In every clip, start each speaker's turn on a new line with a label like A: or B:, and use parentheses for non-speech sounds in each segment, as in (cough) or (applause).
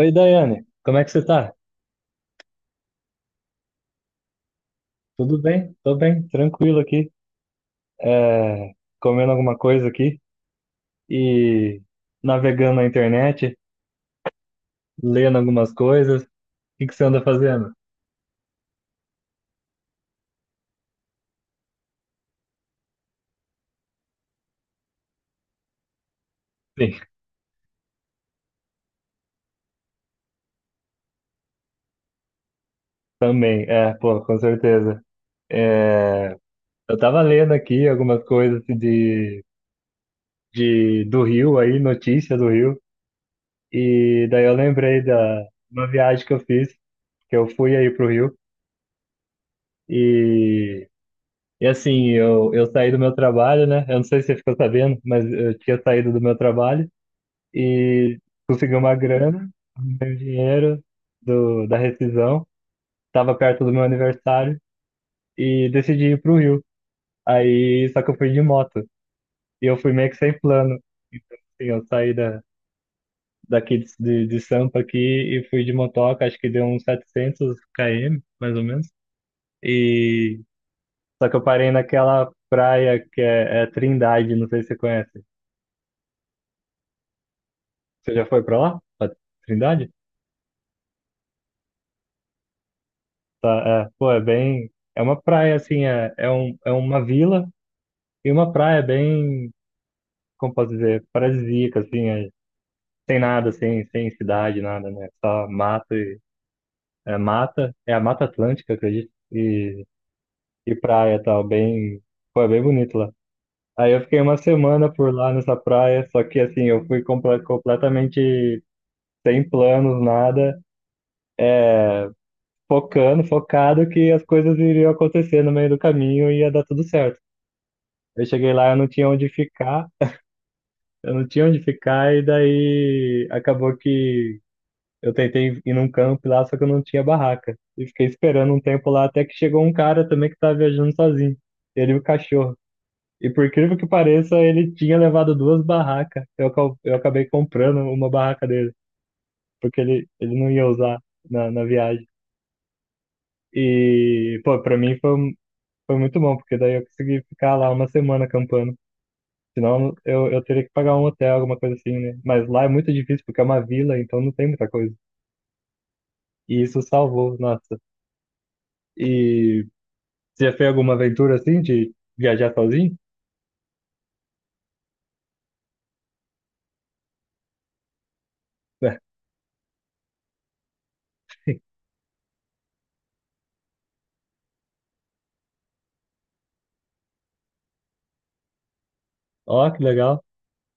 A: Oi, Daiane, como é que você tá? Tudo bem? Tô bem, tranquilo aqui. Comendo alguma coisa aqui e navegando na internet, lendo algumas coisas. O que que você anda fazendo? Sim, também, pô, com certeza. É, eu tava lendo aqui algumas coisas do Rio aí, notícia do Rio, e daí eu lembrei da uma viagem que eu fiz, que eu fui aí pro Rio. E assim, eu saí do meu trabalho, né? Eu não sei se você ficou sabendo, mas eu tinha saído do meu trabalho e consegui uma grana, dinheiro da rescisão. Tava perto do meu aniversário e decidi ir pro Rio. Aí, só que eu fui de moto e eu fui meio que sem plano. Então, assim, eu saí daqui de Sampa aqui e fui de motoca, acho que deu uns 700 km, mais ou menos. E só que eu parei naquela praia que é Trindade, não sei se você conhece. Você já foi pra lá? Pra Trindade? Tá, é, pô, é bem. É uma praia, assim, é uma vila e uma praia bem, como posso dizer, paradisíaca, assim, é, sem nada, assim, sem cidade, nada, né? Só mato e. É mata, é a Mata Atlântica, acredito, e praia e tal, bem. Pô, é bem bonito lá. Aí eu fiquei uma semana por lá nessa praia, só que, assim, eu fui completamente sem planos, nada. Focando, focado que as coisas iriam acontecer no meio do caminho e ia dar tudo certo. Eu cheguei lá, eu não tinha onde ficar, e daí acabou que eu tentei ir num campo lá, só que eu não tinha barraca. E fiquei esperando um tempo lá até que chegou um cara também que estava viajando sozinho, ele e o cachorro. E por incrível que pareça, ele tinha levado duas barracas. Eu acabei comprando uma barraca dele, porque ele não ia usar na viagem. E, pô, pra mim foi, um. Foi muito bom, porque daí eu consegui ficar lá uma semana acampando. Senão eu teria que pagar um hotel, alguma coisa assim, né? Mas lá é muito difícil, porque é uma vila, então não tem muita coisa. E isso salvou, nossa. E você já fez alguma aventura assim, de viajar sozinho? É. Ó, que legal.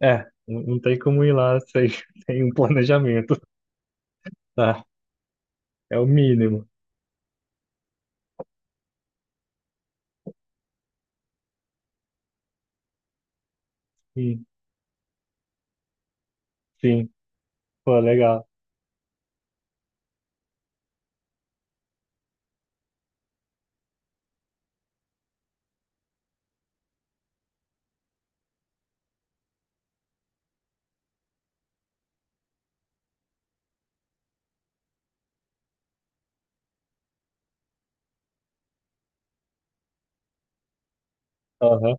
A: É, não tem como ir lá sem, (laughs) sem um planejamento, tá? É o mínimo. Sim, sim. Pô, legal. Aham,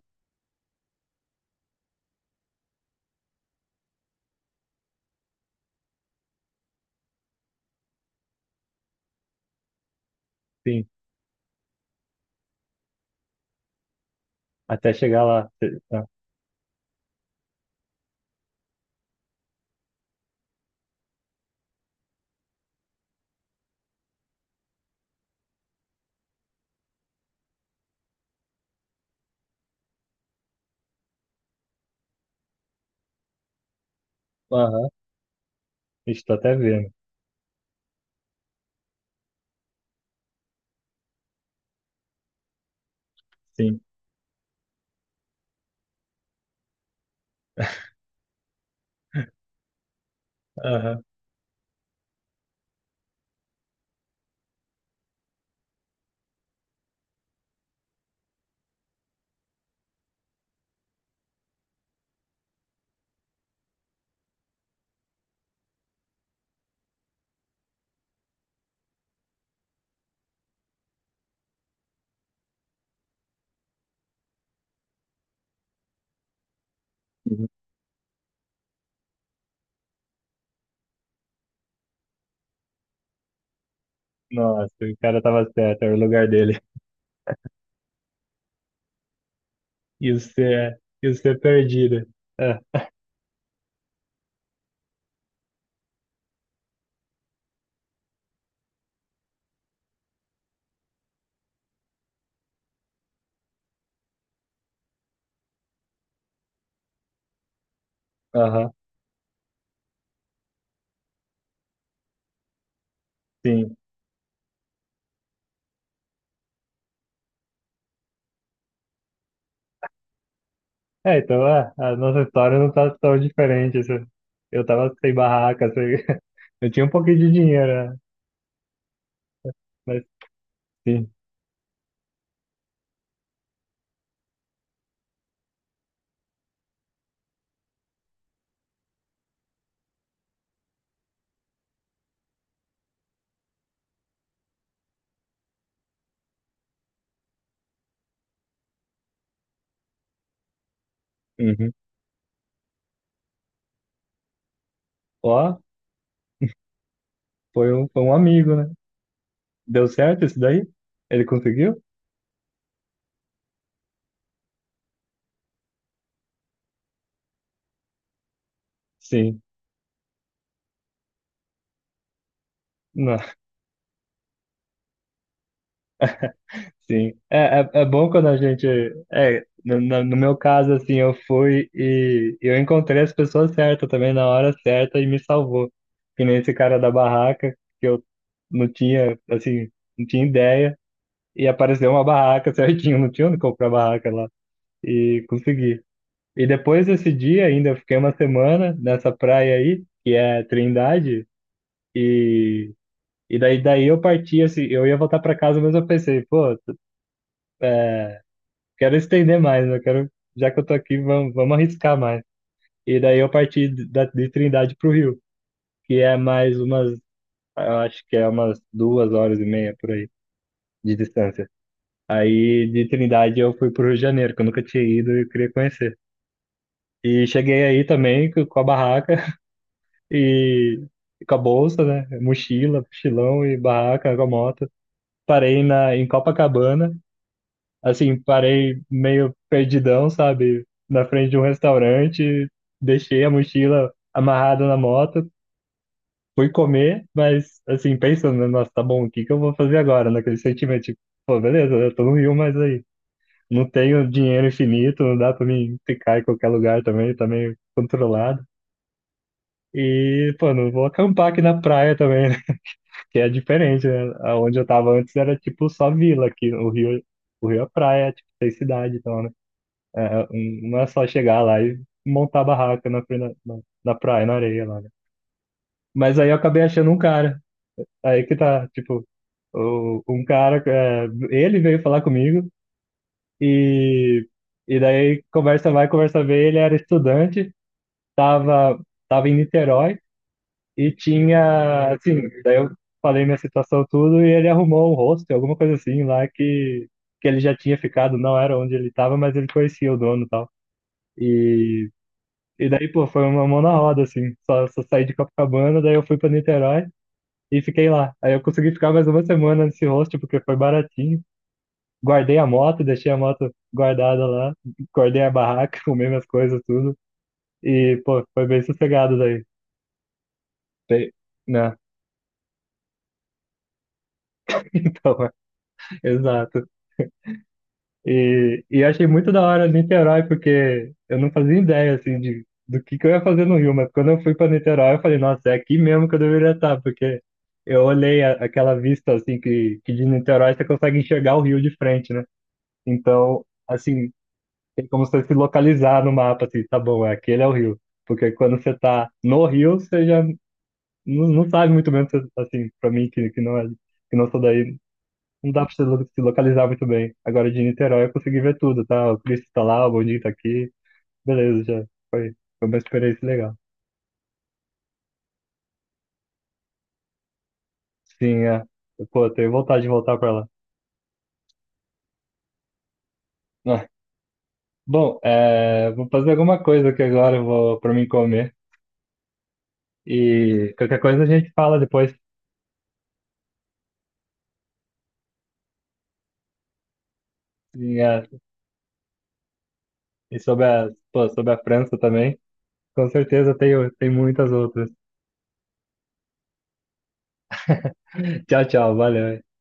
A: sim. Até chegar lá. Tá. Aham, estou até vendo. Sim. Aham. Nossa, o cara tava certo, era o lugar dele. (laughs) E você, e você perdida. É, aham, sim. É, então é, a nossa história não tá tão diferente. Isso. Eu tava sem barraca, sem... (laughs) eu tinha um pouquinho de dinheiro, né? Mas sim. Uhum. Ó, foi um, amigo, né? Deu certo isso daí? Ele conseguiu? Sim. Não. Sim, é, é, é bom quando a gente. É, no, no no meu caso, assim, eu fui e eu encontrei as pessoas certas também na hora certa e me salvou. Que nem esse cara da barraca, que eu não tinha, assim, não tinha ideia, e apareceu uma barraca (laughs) certinho, não tinha onde comprar barraca lá, e consegui. E depois desse dia ainda, eu fiquei uma semana nessa praia aí, que é Trindade, e, e daí eu parti, assim, eu ia voltar para casa, mas eu pensei, pô. Quero estender mais, eu quero, já que eu tô aqui, vamos, vamos arriscar mais. E daí eu parti de Trindade pro Rio, que é mais umas, eu acho que é umas 2 horas e meia por aí de distância. Aí de Trindade eu fui pro Rio de Janeiro, que eu nunca tinha ido e eu queria conhecer. E cheguei aí também com a barraca (laughs) e, com a bolsa, né? Mochila, mochilão e barraca com a moto. Parei em Copacabana assim, parei meio perdidão, sabe? Na frente de um restaurante, deixei a mochila amarrada na moto, fui comer, mas assim, pensando, né, nossa, tá bom, o que que eu vou fazer agora? Naquele sentimento, tipo, pô, beleza, eu tô no Rio, mas aí, não tenho dinheiro infinito, não dá pra mim ficar em qualquer lugar também, tá meio controlado. E, pô, não vou acampar aqui na praia também, né? (laughs) Que é diferente, né? Onde eu tava antes era tipo só vila aqui, o Rio é praia, é, tipo, tem cidade, então é, não é só chegar lá e montar barraca na praia, na areia lá, né? Mas aí eu acabei achando um cara. Aí que tá, tipo, um cara, é, ele veio falar comigo e, daí conversa vai, conversa vem, ele era estudante, tava, tava em Niterói e tinha, assim, daí eu falei minha situação tudo e ele arrumou um hostel, alguma coisa assim lá que ele já tinha ficado, não era onde ele tava, mas ele conhecia o dono e tal. E daí, pô, foi uma mão na roda, assim. Só saí de Copacabana, daí eu fui pra Niterói e fiquei lá. Aí eu consegui ficar mais uma semana nesse hostel, porque foi baratinho. Guardei a moto, deixei a moto guardada lá, guardei a barraca, (laughs) comi minhas coisas, tudo. E, pô, foi bem sossegado daí. Bem- Né? (laughs) Então, é, exato. E achei muito da hora Niterói, porque eu não fazia ideia, assim, do que, eu ia fazer no Rio, mas quando eu fui para Niterói, eu falei, nossa, é aqui mesmo que eu deveria estar, porque eu olhei aquela vista, assim, que de Niterói você consegue enxergar o Rio de frente, né? Então, assim, tem como você se localizar no mapa, assim, tá bom, é, aquele é o Rio. Porque quando você tá no Rio, você já não sabe muito bem, assim, para mim, que não é, que não sou daí, não dá pra se localizar muito bem. Agora de Niterói eu consegui ver tudo, tá? O Cristo tá lá, o Boninho tá aqui. Beleza, já. Foi uma experiência legal. Sim, é. Pô, eu tenho vontade de voltar pra lá. Ah, bom, vou fazer alguma coisa aqui agora, eu vou pra mim comer. E qualquer coisa a gente fala depois. Sim, é. E sobre a, pô, sobre a França também. Com certeza tem muitas outras. (laughs) Tchau, tchau. Valeu.